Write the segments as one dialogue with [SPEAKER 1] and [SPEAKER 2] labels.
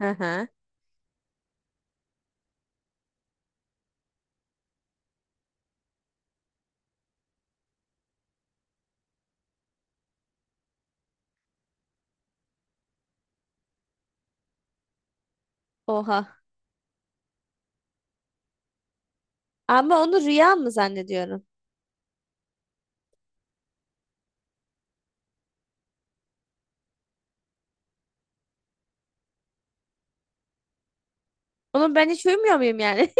[SPEAKER 1] Hı hı. Oha. Ama onu rüya mı zannediyorum? Oğlum ben hiç uyumuyor muyum yani?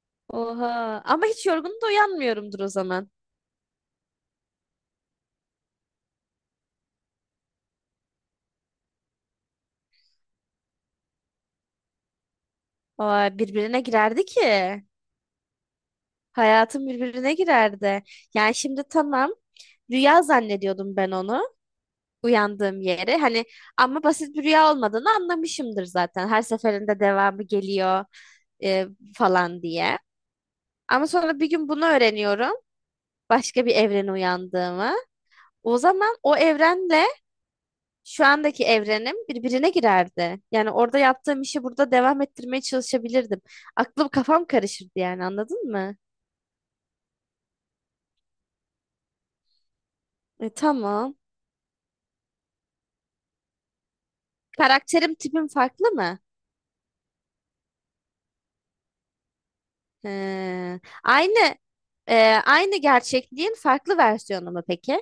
[SPEAKER 1] Oha. Ama hiç yorgun da uyanmıyorumdur o zaman. Aa, birbirine girerdi ki. Hayatım birbirine girerdi. Yani şimdi tamam. Rüya zannediyordum ben onu. Uyandığım yeri. Hani ama basit bir rüya olmadığını anlamışımdır zaten. Her seferinde devamı geliyor e, falan diye. Ama sonra bir gün bunu öğreniyorum. Başka bir evrene uyandığımı. O zaman o evrenle şu andaki evrenim birbirine girerdi. Yani orada yaptığım işi burada devam ettirmeye çalışabilirdim. Aklım kafam karışırdı yani anladın mı? Tamam. Karakterim tipim farklı mı? He. Aynı e, aynı gerçekliğin farklı versiyonu mu peki?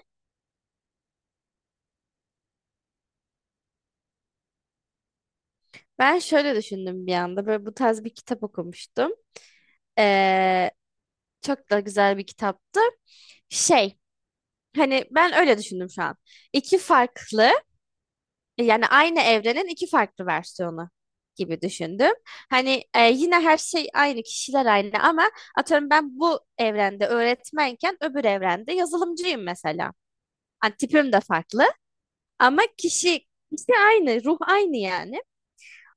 [SPEAKER 1] Ben şöyle düşündüm bir anda. Böyle bu tarz bir kitap okumuştum. E, Çok da güzel bir kitaptı. Şey, hani ben öyle düşündüm şu an. İki farklı, yani aynı evrenin iki farklı versiyonu gibi düşündüm. Hani yine her şey aynı, kişiler aynı ama atıyorum ben bu evrende öğretmenken öbür evrende yazılımcıyım mesela. Hani tipim de farklı ama kişi aynı, ruh aynı yani.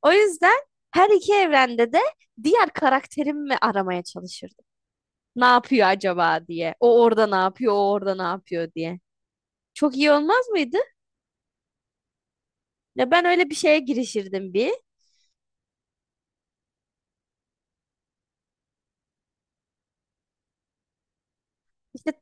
[SPEAKER 1] O yüzden her iki evrende de diğer karakterimi aramaya çalışırdım. Ne yapıyor acaba diye. O orada ne yapıyor, o orada ne yapıyor diye. Çok iyi olmaz mıydı? Ya ben öyle bir şeye girişirdim bir. İşte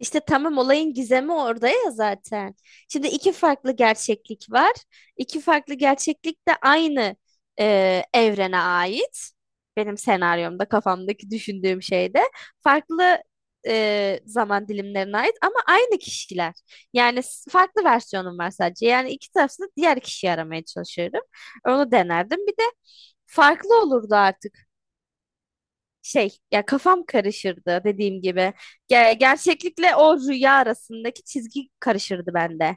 [SPEAKER 1] İşte tamam, olayın gizemi orada ya zaten. Şimdi iki farklı gerçeklik var. İki farklı gerçeklik de aynı evrene ait. Benim senaryomda kafamdaki düşündüğüm şeyde farklı zaman dilimlerine ait ama aynı kişiler. Farklı versiyonum var sadece. Yani iki tarafta diğer kişiyi aramaya çalışıyorum. Onu denerdim. Bir de farklı olurdu artık, şey ya kafam karışırdı dediğim gibi. Gerçeklikle o rüya arasındaki çizgi karışırdı bende.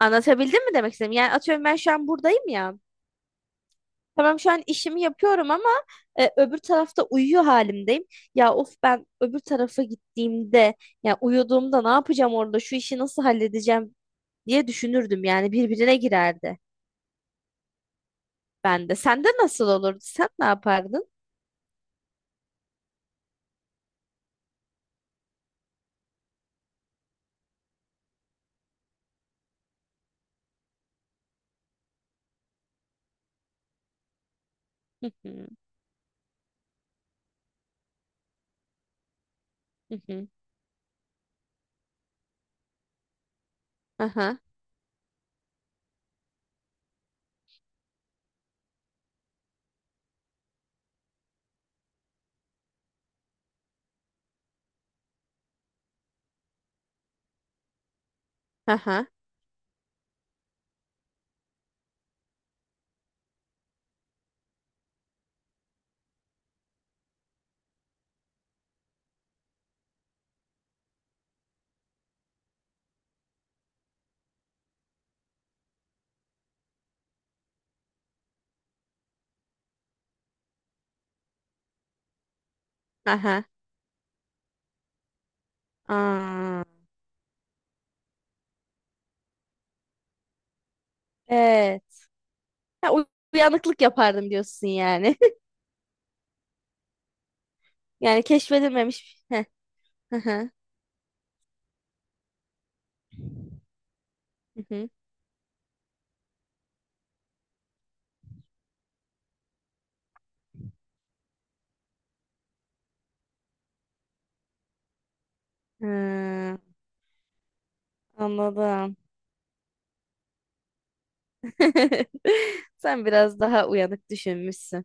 [SPEAKER 1] Anlatabildim mi demek istedim? Yani atıyorum ben şu an buradayım ya. Tamam, şu an işimi yapıyorum ama öbür tarafta uyuyor halimdeyim. Ya of, ben öbür tarafa gittiğimde, ya uyuduğumda ne yapacağım orada, şu işi nasıl halledeceğim diye düşünürdüm. Yani birbirine girerdi bende. Sende nasıl olurdu? Sen ne yapardın? Hı hı, hı hı. Aha, aha, aha. Aa. Ee, Ha, uy- uyanıklık yapardım diyorsun yani. Yani keşfedilmemiş. Heh, hı hı, hı hı. Ha, anladım. Sen biraz daha uyanık düşünmüşsün.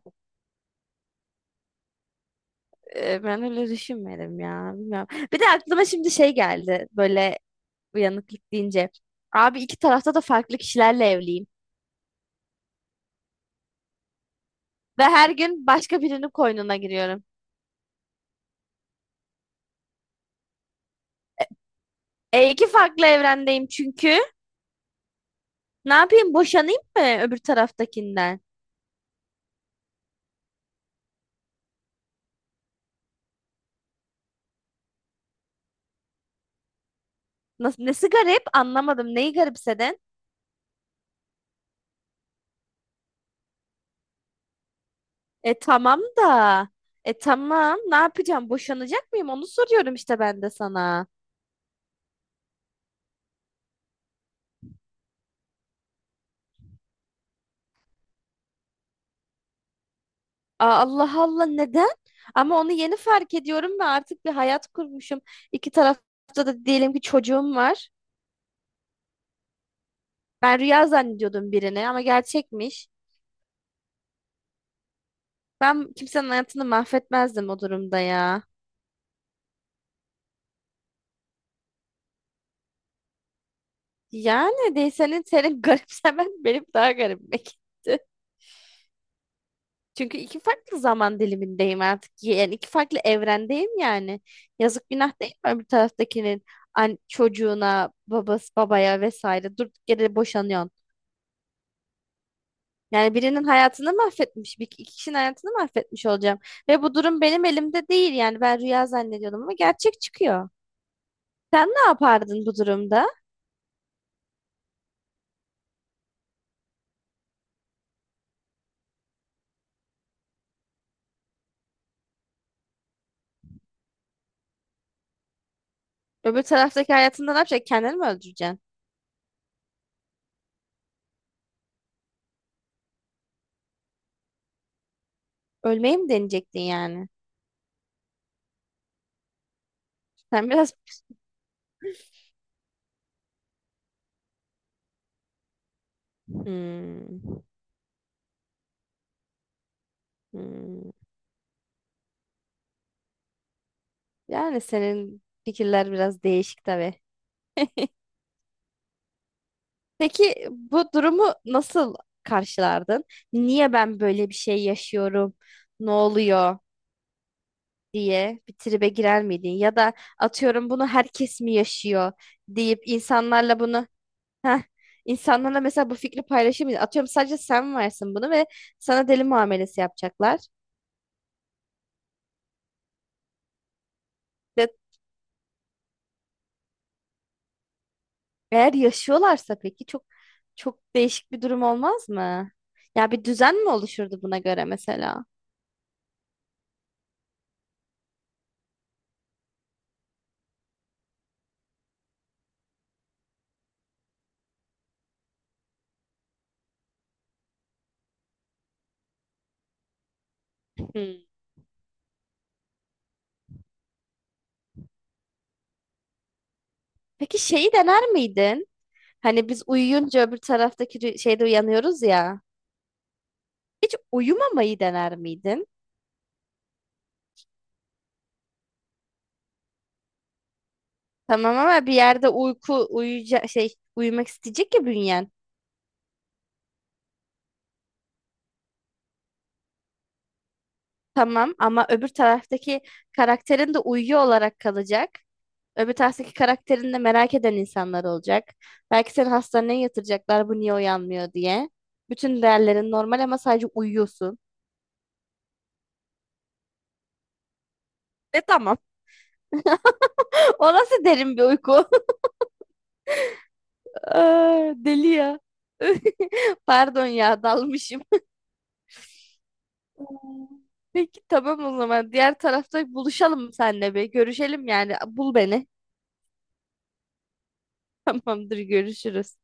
[SPEAKER 1] Ben öyle düşünmedim ya. Bilmiyorum. Bir de aklıma şimdi şey geldi. Böyle, uyanıklık deyince. Abi iki tarafta da farklı kişilerle evliyim. Ve her gün başka birinin koynuna giriyorum. E iki farklı evrendeyim çünkü. Ne yapayım, boşanayım mı öbür taraftakinden? Nasıl, nesi garip anlamadım. Neyi garipsedin? E tamam da. E tamam. Ne yapacağım? Boşanacak mıyım? Onu soruyorum işte ben de sana. Aa, Allah Allah, neden? Ama onu yeni fark ediyorum ve artık bir hayat kurmuşum. İki tarafta da diyelim ki çocuğum var. Ben rüya zannediyordum birini ama gerçekmiş. Ben kimsenin hayatını mahvetmezdim o durumda ya. Yani değil, senin senin garipsemen benim daha garibime gitti. Çünkü iki farklı zaman dilimindeyim artık. Yani iki farklı evrendeyim yani. Yazık, günah değil mi öbür taraftakinin an çocuğuna, babası, babaya vesaire, durduk yere boşanıyorsun. Yani birinin hayatını mahvetmiş, bir iki kişinin hayatını mahvetmiş olacağım. Ve bu durum benim elimde değil yani, ben rüya zannediyordum ama gerçek çıkıyor. Sen ne yapardın bu durumda? Öbür taraftaki hayatında ne yapacaksın? Kendini mi öldüreceksin? Ölmeyi mi deneyecektin yani? Sen biraz... Hmm, hmm. Yani senin fikirler biraz değişik tabii. Peki bu durumu nasıl karşılardın? Niye ben böyle bir şey yaşıyorum? Ne oluyor diye bir tribe girer miydin? Ya da atıyorum bunu herkes mi yaşıyor deyip insanlarla bunu, heh, insanlarla mesela bu fikri paylaşır mıydın? Atıyorum sadece sen varsın bunu ve sana deli muamelesi yapacaklar. Ve eğer yaşıyorlarsa peki çok değişik bir durum olmaz mı? Ya bir düzen mi oluşurdu buna göre mesela? Hmm. Peki şeyi dener miydin? Hani biz uyuyunca öbür taraftaki şeyde uyanıyoruz ya. Hiç uyumamayı dener miydin? Tamam ama bir yerde uyku uyuyacak, şey, uyumak isteyecek ya bünyen. Tamam ama öbür taraftaki karakterin de uyuyor olarak kalacak. Öbür taraftaki karakterin de merak eden insanlar olacak. Belki seni hastaneye yatıracaklar, bu niye uyanmıyor diye. Bütün değerlerin normal ama sadece uyuyorsun. E tamam. O nasıl derin bir uyku? Aa, deli ya. Pardon ya, dalmışım. Hmm. Peki tamam o zaman. Diğer tarafta buluşalım seninle bir. Görüşelim yani. Bul beni. Tamamdır, görüşürüz.